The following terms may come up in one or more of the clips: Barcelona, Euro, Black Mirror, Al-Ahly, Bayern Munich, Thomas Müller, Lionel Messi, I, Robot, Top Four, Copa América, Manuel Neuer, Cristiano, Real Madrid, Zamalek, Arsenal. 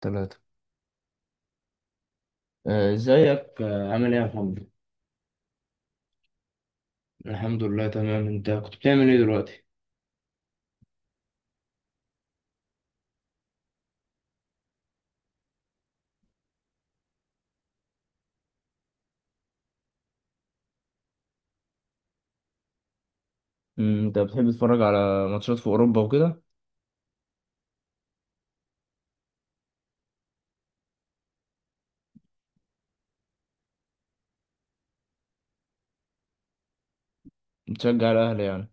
تلاتة. ازيك، عامل ايه يا محمد؟ الحمد لله تمام. انت كنت بتعمل ايه دلوقتي؟ انت بتحب تتفرج على ماتشات في اوروبا وكده؟ بتشجع الاهلي يعني؟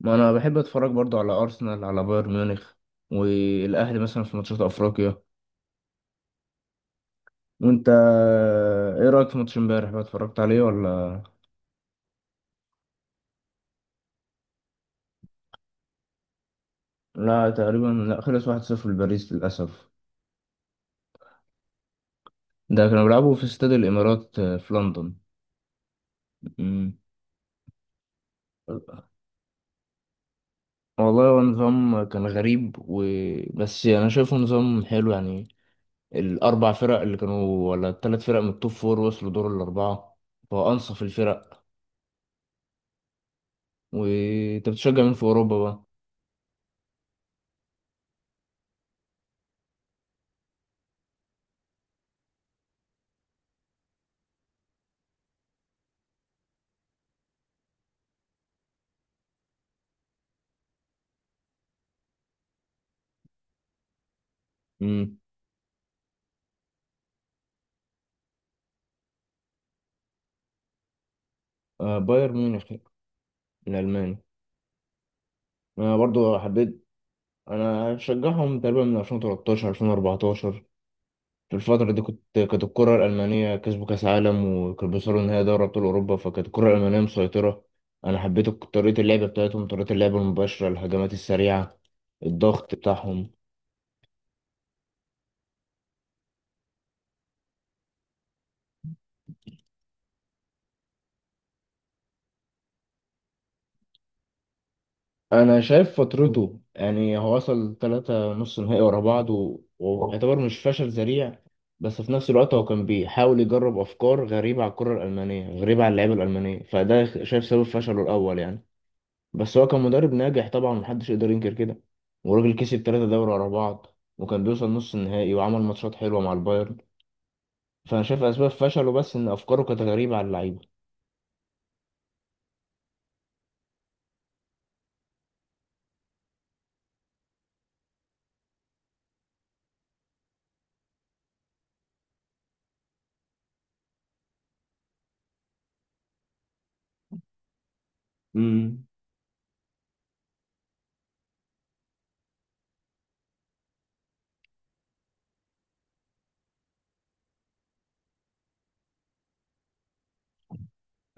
ما انا بحب اتفرج برضو على ارسنال، على بايرن ميونخ، والاهلي مثلا في ماتشات افريقيا. وانت، ايه رايك في ماتش امبارح بقى، اتفرجت عليه ولا؟ لا، تقريبا لا، خلص 1-0 لباريس للاسف. ده كانوا بيلعبوا في استاد الامارات، في لندن. أمم. والله هو نظام كان غريب بس انا شايفه نظام حلو يعني. الاربع فرق اللي كانوا، ولا الثلاث فرق من التوب فور وصلوا دور الاربعه، فهو انصف الفرق. وانت بتشجع مين في اوروبا بقى؟ امم. آه بايرن ميونخ الالماني. انا برضو حبيت. انا شجعهم تقريبا من 2013 2014. في الفترة دي كانت الكرة الألمانية كسبوا كأس عالم وكانوا بيوصلوا نهائي دوري أبطال أوروبا، فكانت الكرة الألمانية مسيطرة. أنا حبيت طريقة اللعب بتاعتهم، طريقة اللعب المباشرة، الهجمات السريعة، الضغط بتاعهم. أنا شايف فترته يعني هو وصل تلاتة نص نهائي ورا بعض ويعتبر مش فشل ذريع. بس في نفس الوقت هو كان بيحاول يجرب أفكار غريبة على الكرة الألمانية، غريبة على اللعيبة الألمانية، فده شايف سبب فشله الأول يعني. بس هو كان مدرب ناجح طبعا، محدش يقدر ينكر كده. وراجل كسب ثلاثة دوري ورا بعض وكان بيوصل نص النهائي وعمل ماتشات حلوة مع البايرن. فأنا شايف أسباب فشله بس إن أفكاره كانت غريبة على اللعيبة. امم.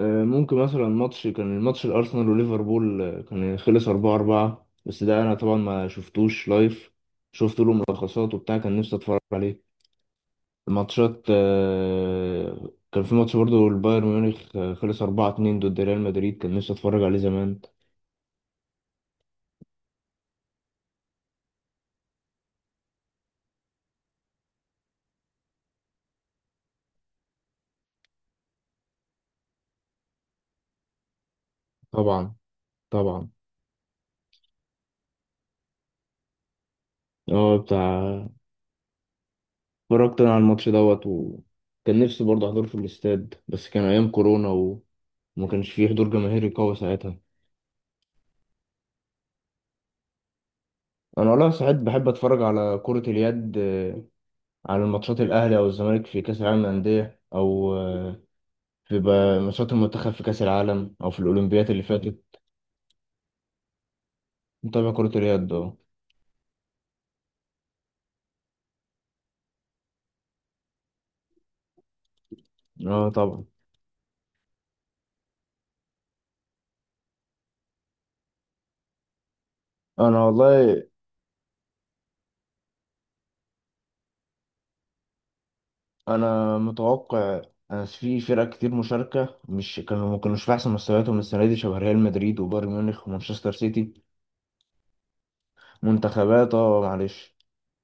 ممكن مثلا ماتش كان الماتش الأرسنال وليفربول، كان خلص أربعة أربعة، بس ده أنا طبعا ما شفتوش لايف، شفت له ملخصات وبتاع، كان نفسي أتفرج عليه. ماتشات، كان في ماتش برضه البايرن ميونخ، خلص أربعة اتنين ضد ريال مدريد، كان نفسي أتفرج عليه زمان. طبعا، طبعا. اه بتاع. اتفرجت انا على الماتش دوت وكان نفسي برضه احضره في الاستاد، بس كان ايام كورونا وما كانش فيه حضور جماهيري قوي ساعتها. انا والله ساعات بحب اتفرج على كرة اليد، على الماتشات الاهلي او الزمالك في كاس العالم للانديه، او في بقى ماتشات المنتخب في كاس العالم او في الاولمبيات اللي فاتت. متابع كرة اليد اه. اه طبعا. انا والله. انا متوقع. أنا في فرق كتير مشاركه مش كانوا، ما كانوش في احسن مستوياتهم السنه دي، شبه ريال مدريد وبايرن ميونخ ومانشستر سيتي. منتخبات اه، معلش.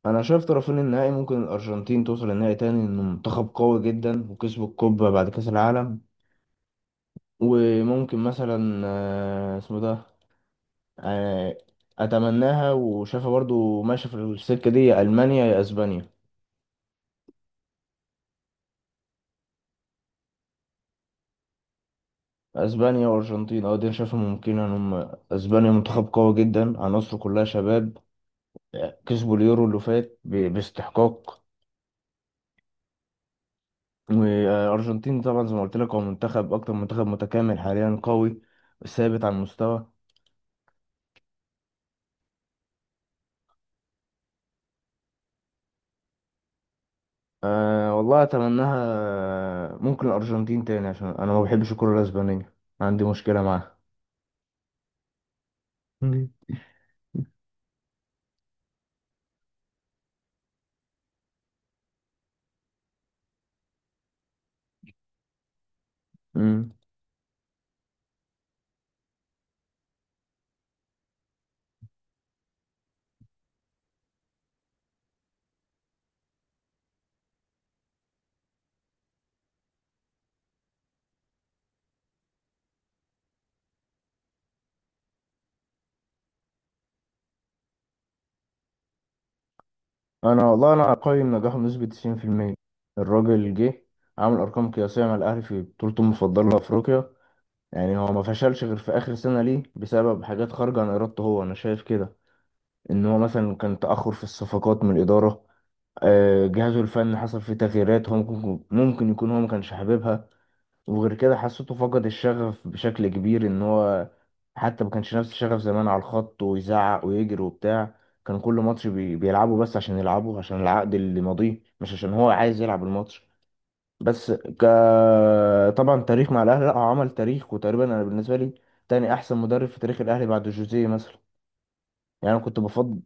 انا شايف طرفين النهائي ممكن الارجنتين توصل النهائي تاني، انه منتخب قوي جدا وكسبوا الكوبا بعد كاس العالم. وممكن مثلا آه، اسمه ده آه، اتمناها وشايفها برضو ماشيه في السكه دي، المانيا يا اسبانيا. اسبانيا وارجنتين، اه دي أنا شايفها ممكنه ان هم. اسبانيا منتخب قوي جدا، عناصره كلها شباب، كسبوا اليورو اللي فات باستحقاق. والأرجنتين طبعا زي ما قلت لك، هو منتخب أكتر منتخب متكامل حاليا، قوي ثابت على المستوى. أه والله أتمناها ممكن الأرجنتين تاني، عشان أنا ما بحبش الكرة الأسبانية. عندي مشكلة معاها. مم. مم. أنا والله أقيم نجاحه بنسبة 90%. الراجل جه عامل أرقام قياسية مع الأهلي في بطولته المفضلة لأفريقيا، يعني هو ما فشلش غير في آخر سنة ليه بسبب حاجات خارجة عن إرادته هو، أنا شايف كده. ان هو مثلا كان تأخر في الصفقات من الإدارة، جهازه الفني حصل فيه تغييرات، هو ممكن يكون هو ما كانش حاببها. وغير كده حسيته فقد الشغف بشكل كبير، ان هو حتى ما كانش نفس الشغف زمان على الخط ويزعق ويجري وبتاع. كان كل ماتش بيلعبه بس عشان يلعبه، عشان العقد اللي ماضيه، مش عشان هو عايز يلعب الماتش. بس ك طبعا تاريخ مع الاهلي، لا هو عمل تاريخ، وتقريبا انا بالنسبه لي تاني احسن مدرب في تاريخ الاهلي بعد جوزيه مثلا، يعني انا كنت بفضل.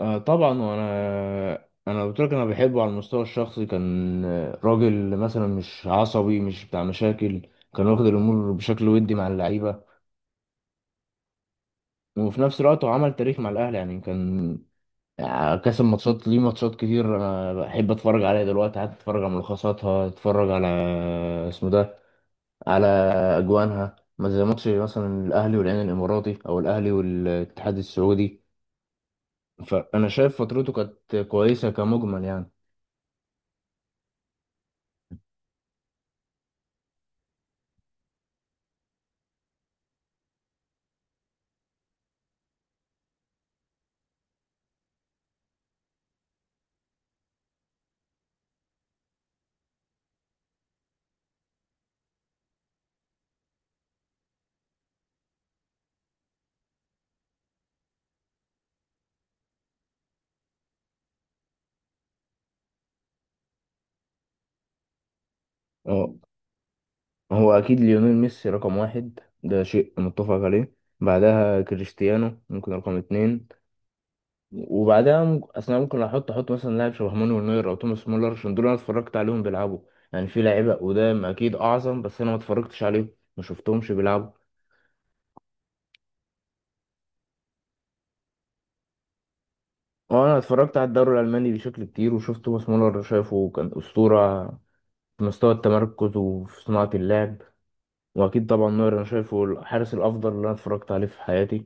آه طبعا. وانا قلت لك انا بحبه على المستوى الشخصي، كان راجل مثلا مش عصبي مش بتاع مشاكل. كان واخد الامور بشكل ودي مع اللعيبه. وفي نفس الوقت هو عمل تاريخ مع الاهلي يعني كان، كسب ماتشات ليه، ماتشات كتير انا بحب اتفرج عليها دلوقتي، حتى اتفرج على ملخصاتها، اتفرج على آه، اسمه ده على اجوانها، ما زي ماتش مثلا الاهلي والعين الاماراتي او الاهلي والاتحاد السعودي. فانا شايف فترته كانت كويسه كمجمل يعني. هو اكيد ليونيل ميسي رقم واحد، ده شيء متفق عليه. بعدها كريستيانو ممكن رقم اتنين. وبعدها اصل انا ممكن احط مثلا لاعب شبه مانويل نوير او توماس مولر عشان دول انا اتفرجت عليهم بيلعبوا. يعني في لعيبه قدام اكيد اعظم، بس انا ما اتفرجتش عليهم، ما شفتهمش بيلعبوا. اه انا اتفرجت على الدوري الالماني بشكل كتير وشفت توماس مولر، شايفه كان اسطوره في مستوى التمركز وفي صناعه اللعب. واكيد طبعا نوير انا شايفه الحارس الافضل اللي انا اتفرجت عليه في حياتي.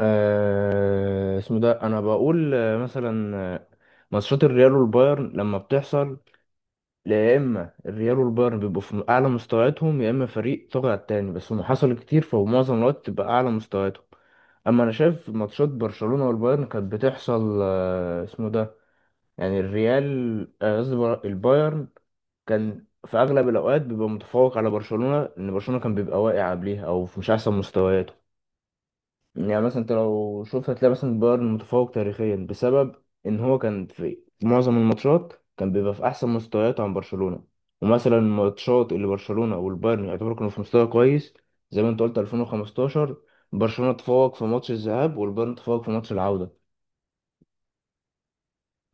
آه اسمه ده انا بقول مثلا، ماتشات الريال والبايرن لما بتحصل، يا اما الريال والبايرن بيبقوا في اعلى مستوياتهم، يا اما فريق طاغي على التاني، بس هم حصل كتير، فهو معظم الوقت تبقى اعلى مستوياتهم. اما انا شايف ماتشات برشلونة والبايرن كانت بتحصل، آه اسمه ده يعني الريال، قصدي البايرن كان في اغلب الاوقات بيبقى متفوق على برشلونة، لان برشلونة كان بيبقى واقع قبليها او في مش احسن مستوياته. يعني مثلا انت لو شفت هتلاقي مثلا بايرن متفوق تاريخيا بسبب ان هو كان في معظم الماتشات بيبقى في احسن مستويات عن برشلونة. ومثلا الماتشات اللي برشلونة والبايرن يعتبروا كانوا في مستوى كويس، زي ما انت قلت 2015، برشلونة تفوق في ماتش الذهاب والبايرن تفوق في ماتش العودة.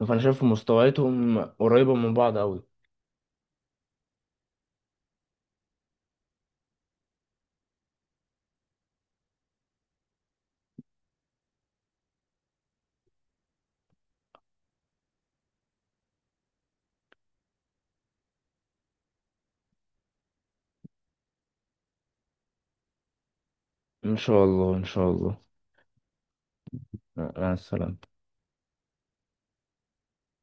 فانا شايف مستوياتهم قريبة من بعض قوي. ان شاء الله ان شاء الله. مع السلامة.